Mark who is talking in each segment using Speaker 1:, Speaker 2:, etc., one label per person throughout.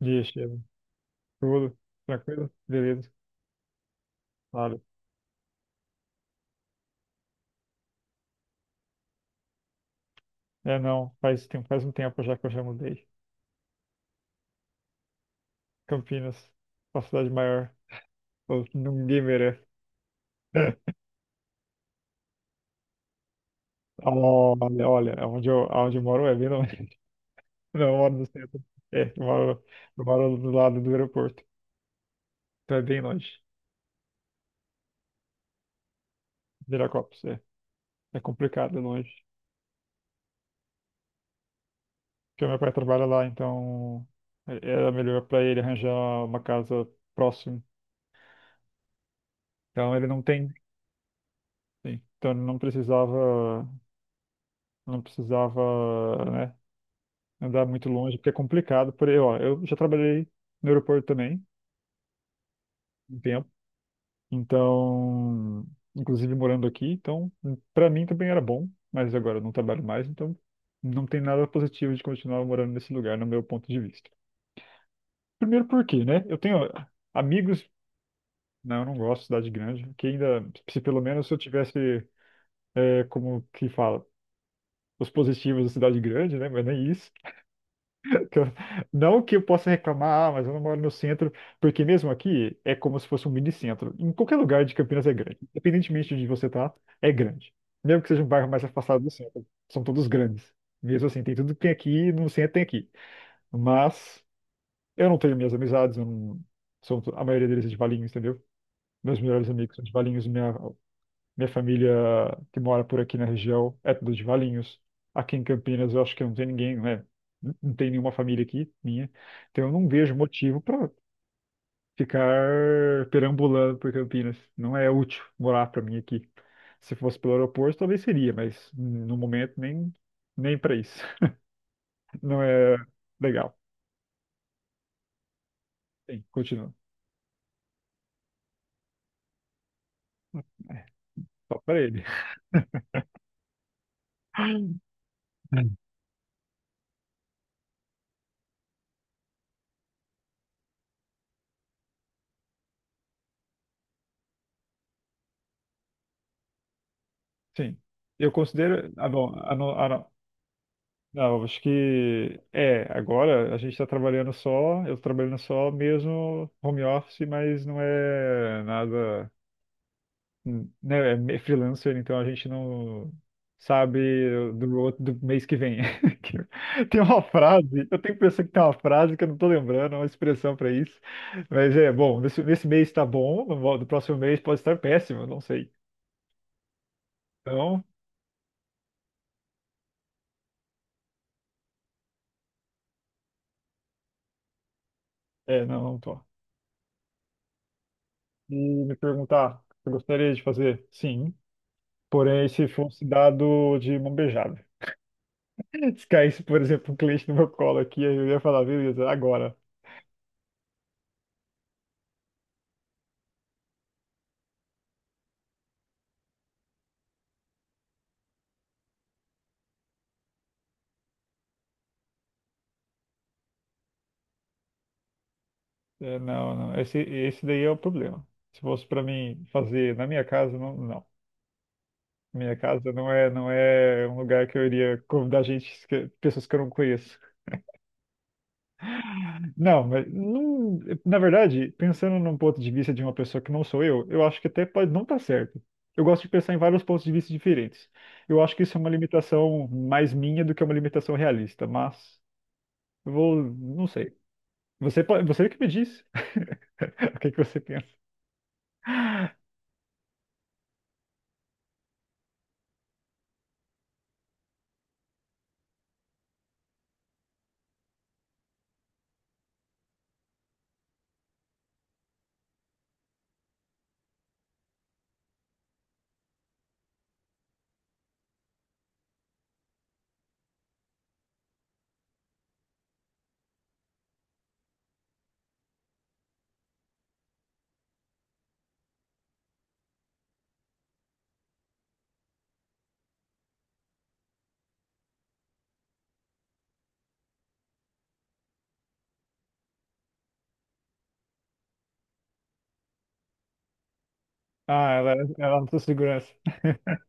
Speaker 1: Dia, Estevam. Tudo tranquilo? Beleza. Claro. É, não. Faz tempo, faz um tempo já que eu já mudei. Campinas, uma cidade maior. Pô, ninguém merece. Olha, olha, onde eu moro é bem longe. Não, eu moro no centro. É, eu moro do lado do aeroporto. Então é bem longe. Viracopos, é. É complicado, é longe. Porque meu pai trabalha lá, então era melhor para ele arranjar uma casa próxima. Então ele não tem, sim. Então ele não precisava. Não precisava, né, andar muito longe, porque é complicado. Por aí, ó, eu já trabalhei no aeroporto também, um tempo, então, inclusive morando aqui, então, para mim também era bom, mas agora eu não trabalho mais, então não tem nada positivo de continuar morando nesse lugar, no meu ponto de vista. Primeiro porque, né, eu tenho amigos, não, eu não gosto de cidade grande, que ainda, se pelo menos eu tivesse, é, como que fala, os positivos da cidade grande, né, mas nem isso. que eu- Não que eu possa reclamar, ah, mas eu não moro no centro, porque mesmo aqui é como se fosse um mini centro. Em qualquer lugar de Campinas é grande, independentemente de onde você tá, é grande. Mesmo que seja um bairro mais afastado do centro, são todos grandes. Mesmo assim, tem tudo que tem aqui, no centro tem aqui. Mas eu não tenho minhas amizades, eu não... são, a maioria deles é de Valinhos, entendeu? Meus melhores amigos são de Valinhos, minha família que mora por aqui na região é tudo de Valinhos. Aqui em Campinas eu acho que não tem ninguém, né? Não tem nenhuma família aqui, minha. Então eu não vejo motivo para ficar perambulando por Campinas. Não é útil morar para mim aqui. Se fosse pelo aeroporto, talvez seria, mas no momento nem, nem para isso. Não é legal. Sim, continua. Só para ele. Sim. Eu considero. Ah, bom, a, no- não, eu acho que é, agora a gente está trabalhando só, eu tô trabalhando só mesmo home office, mas não é nada, né, freelancer, então a gente não sabe do outro do mês que vem. Tem uma frase, eu tenho que pensar que tem uma frase que eu não tô lembrando, uma expressão para isso. Mas é, bom, nesse mês tá bom, no próximo mês pode estar péssimo, não sei. Então, é, não, não tô. E me perguntar, eu gostaria de fazer? Sim. Porém, se fosse dado de mão beijada. Se caísse, por exemplo, um cliente no meu colo aqui, eu ia falar, beleza, agora. É, não, não. Esse daí é o problema. Se fosse para mim fazer na minha casa, não, não. Minha casa não é, não é um lugar que eu iria convidar gente, pessoas que eu não conheço. Não, mas não, na verdade, pensando num ponto de vista de uma pessoa que não sou eu acho que até pode não estar certo. Eu gosto de pensar em vários pontos de vista diferentes. Eu acho que isso é uma limitação mais minha do que uma limitação realista, mas eu vou, não sei. Você, você que me disse. O que que você pensa? Ah, ela era da sua segurança.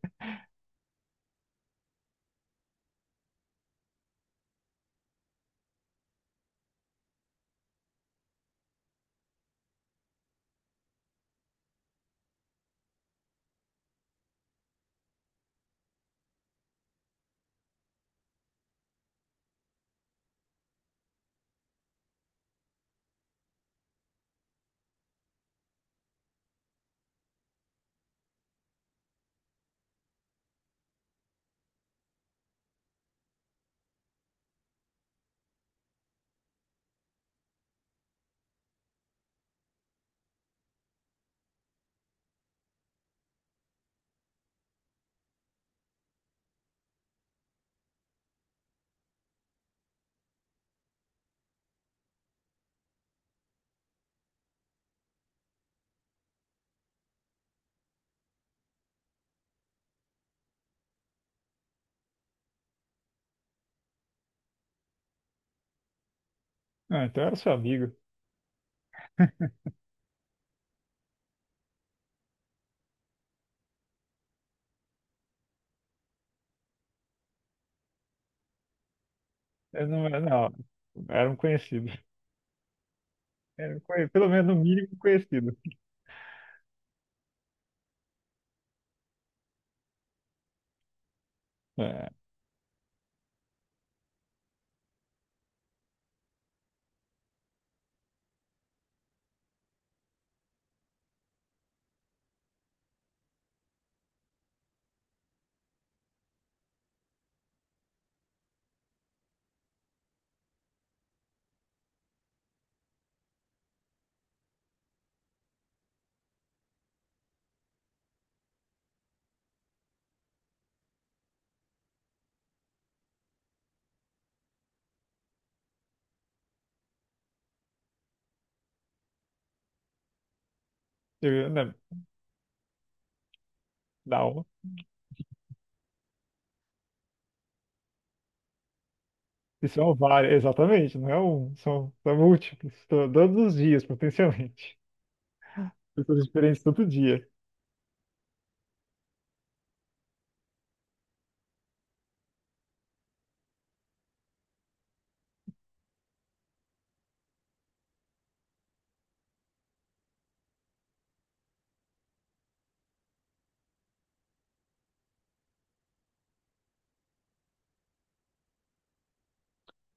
Speaker 1: Ah, então era seu amigo. Eu não, não, era um conhecido. Pelo menos no mínimo um conhecido. É, eu, né, dá um. E são vários, exatamente, não é um, são, são múltiplos, todos os dias, potencialmente. Pessoas diferentes todo dia.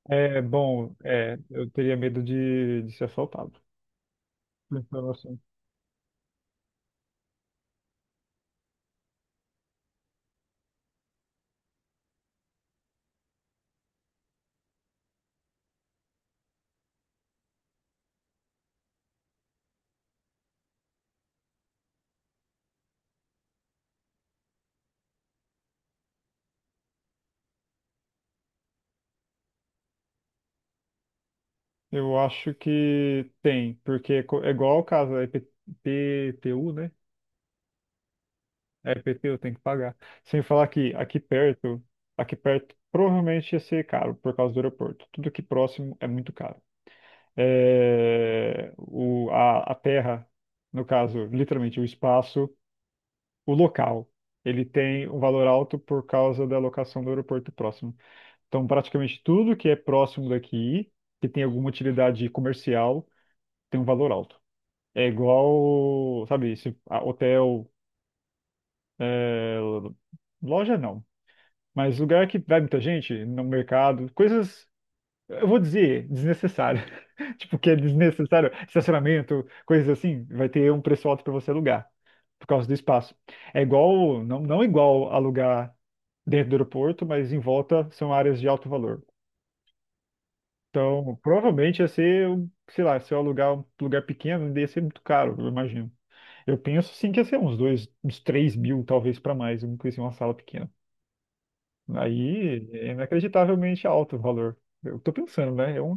Speaker 1: É, bom, é, eu teria medo de ser assaltado. Pensando assim. Eu acho que tem, porque é igual o caso da IPTU, né? É IPTU, tem que pagar. Sem falar que aqui perto provavelmente ia ser caro por causa do aeroporto. Tudo que próximo é muito caro. É, o, a terra, no caso, literalmente o espaço, o local, ele tem um valor alto por causa da locação do aeroporto próximo. Então, praticamente tudo que é próximo daqui, que tem alguma utilidade comercial, tem um valor alto. É igual, sabe, se, hotel, é, loja não, mas lugar que vai muita gente, no mercado, coisas, eu vou dizer, desnecessárias. Tipo, que é desnecessário, estacionamento, coisas assim, vai ter um preço alto para você alugar, por causa do espaço. É igual, não, não igual alugar dentro do aeroporto, mas em volta são áreas de alto valor. Então, provavelmente ia ser, sei lá, se eu alugar um lugar pequeno, ia ser muito caro, eu imagino. Eu penso sim que ia ser uns dois, uns 3 mil, talvez para mais, uma coisa assim, uma sala pequena. Aí é inacreditavelmente alto o valor. Eu tô pensando, né? É um...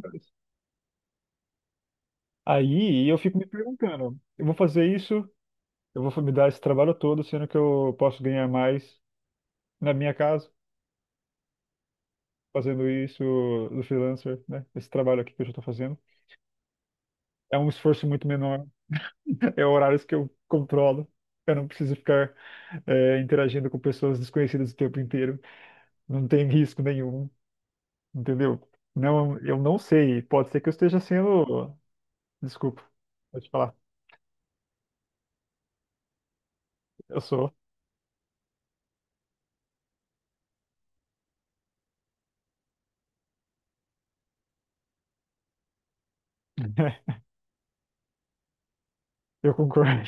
Speaker 1: Aí eu fico me perguntando, eu vou fazer isso, eu vou me dar esse trabalho todo, sendo que eu posso ganhar mais na minha casa, fazendo isso do freelancer, né? Esse trabalho aqui que eu já tô fazendo. É um esforço muito menor, é horários que eu controlo. Eu não preciso ficar interagindo com pessoas desconhecidas o tempo inteiro. Não tem risco nenhum. Entendeu? Não, eu não sei. Pode ser que eu esteja sendo. Desculpa, pode falar. Eu sou. Eu concordo.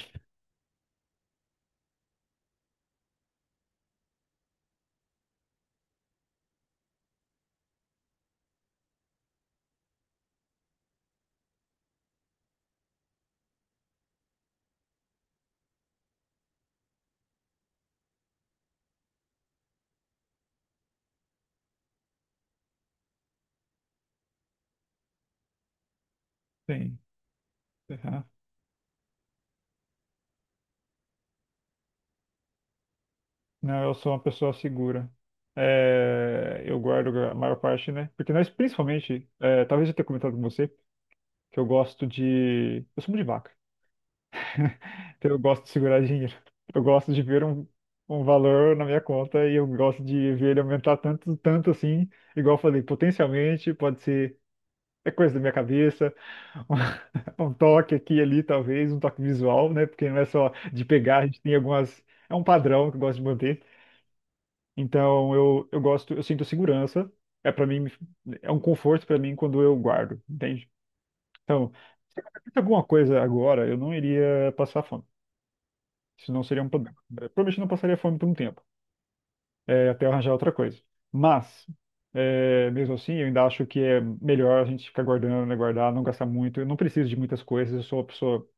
Speaker 1: Sim. Aham. Não, eu sou uma pessoa segura. É, eu guardo a maior parte, né? Porque nós, principalmente, é, talvez eu tenha comentado com você, que eu gosto de. Eu sou muito de vaca. Então eu gosto de segurar dinheiro. Eu gosto de ver um, um valor na minha conta e eu gosto de ver ele aumentar tanto, tanto assim. Igual eu falei, potencialmente pode ser. É coisa da minha cabeça, um toque aqui e ali, talvez, um toque visual, né? Porque não é só de pegar, a gente tem algumas. É um padrão que eu gosto de manter. Então eu gosto, eu sinto segurança. É para mim, é um conforto para mim quando eu guardo, entende? Então, se acontecesse alguma coisa agora, eu não iria passar fome. Isso não seria um problema. É, provavelmente eu não passaria fome por um tempo, é, até eu arranjar outra coisa. Mas, é, mesmo assim, eu ainda acho que é melhor a gente ficar guardando, né, guardar, não gastar muito. Eu não preciso de muitas coisas, eu sou uma pessoa. Eu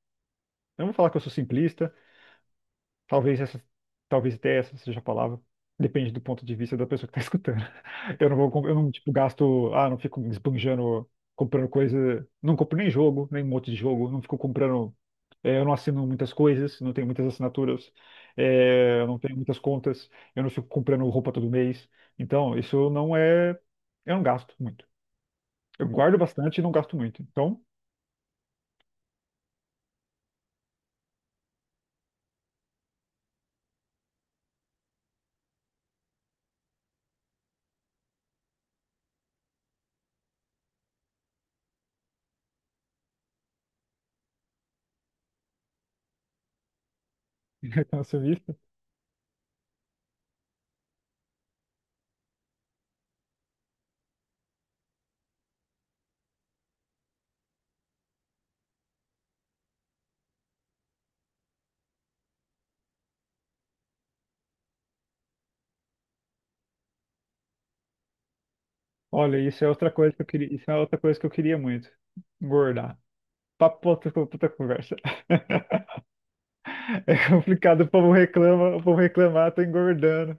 Speaker 1: não vou falar que eu sou simplista, talvez essa, talvez até essa seja a palavra. Depende do ponto de vista da pessoa que está escutando. Eu não vou, eu não, tipo, gasto, ah, não fico esbanjando, comprando coisa, não compro nem jogo, nem um monte de jogo, não fico comprando, eu não assino muitas coisas, não tenho muitas assinaturas, eu não tenho muitas contas, eu não fico comprando roupa todo mês. Então, isso não é, eu não gasto muito. Eu guardo bastante e não gasto muito. Então, então, assim, olha, isso é outra coisa que eu queria muito. Engordar. Papo pra outra conversa. É complicado, o povo reclamar, tô engordando.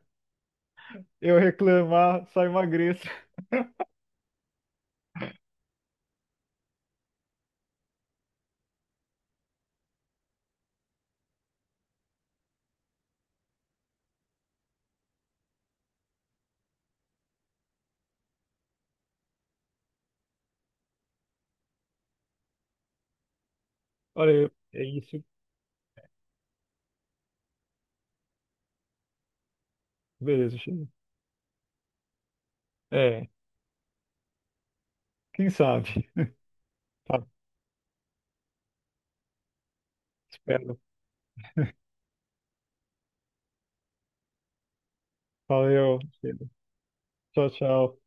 Speaker 1: Eu reclamar, só emagreço. Olha, é isso. Beleza, chega. É, quem sabe? Tá, espero. Valeu, chega. Tchau, tchau.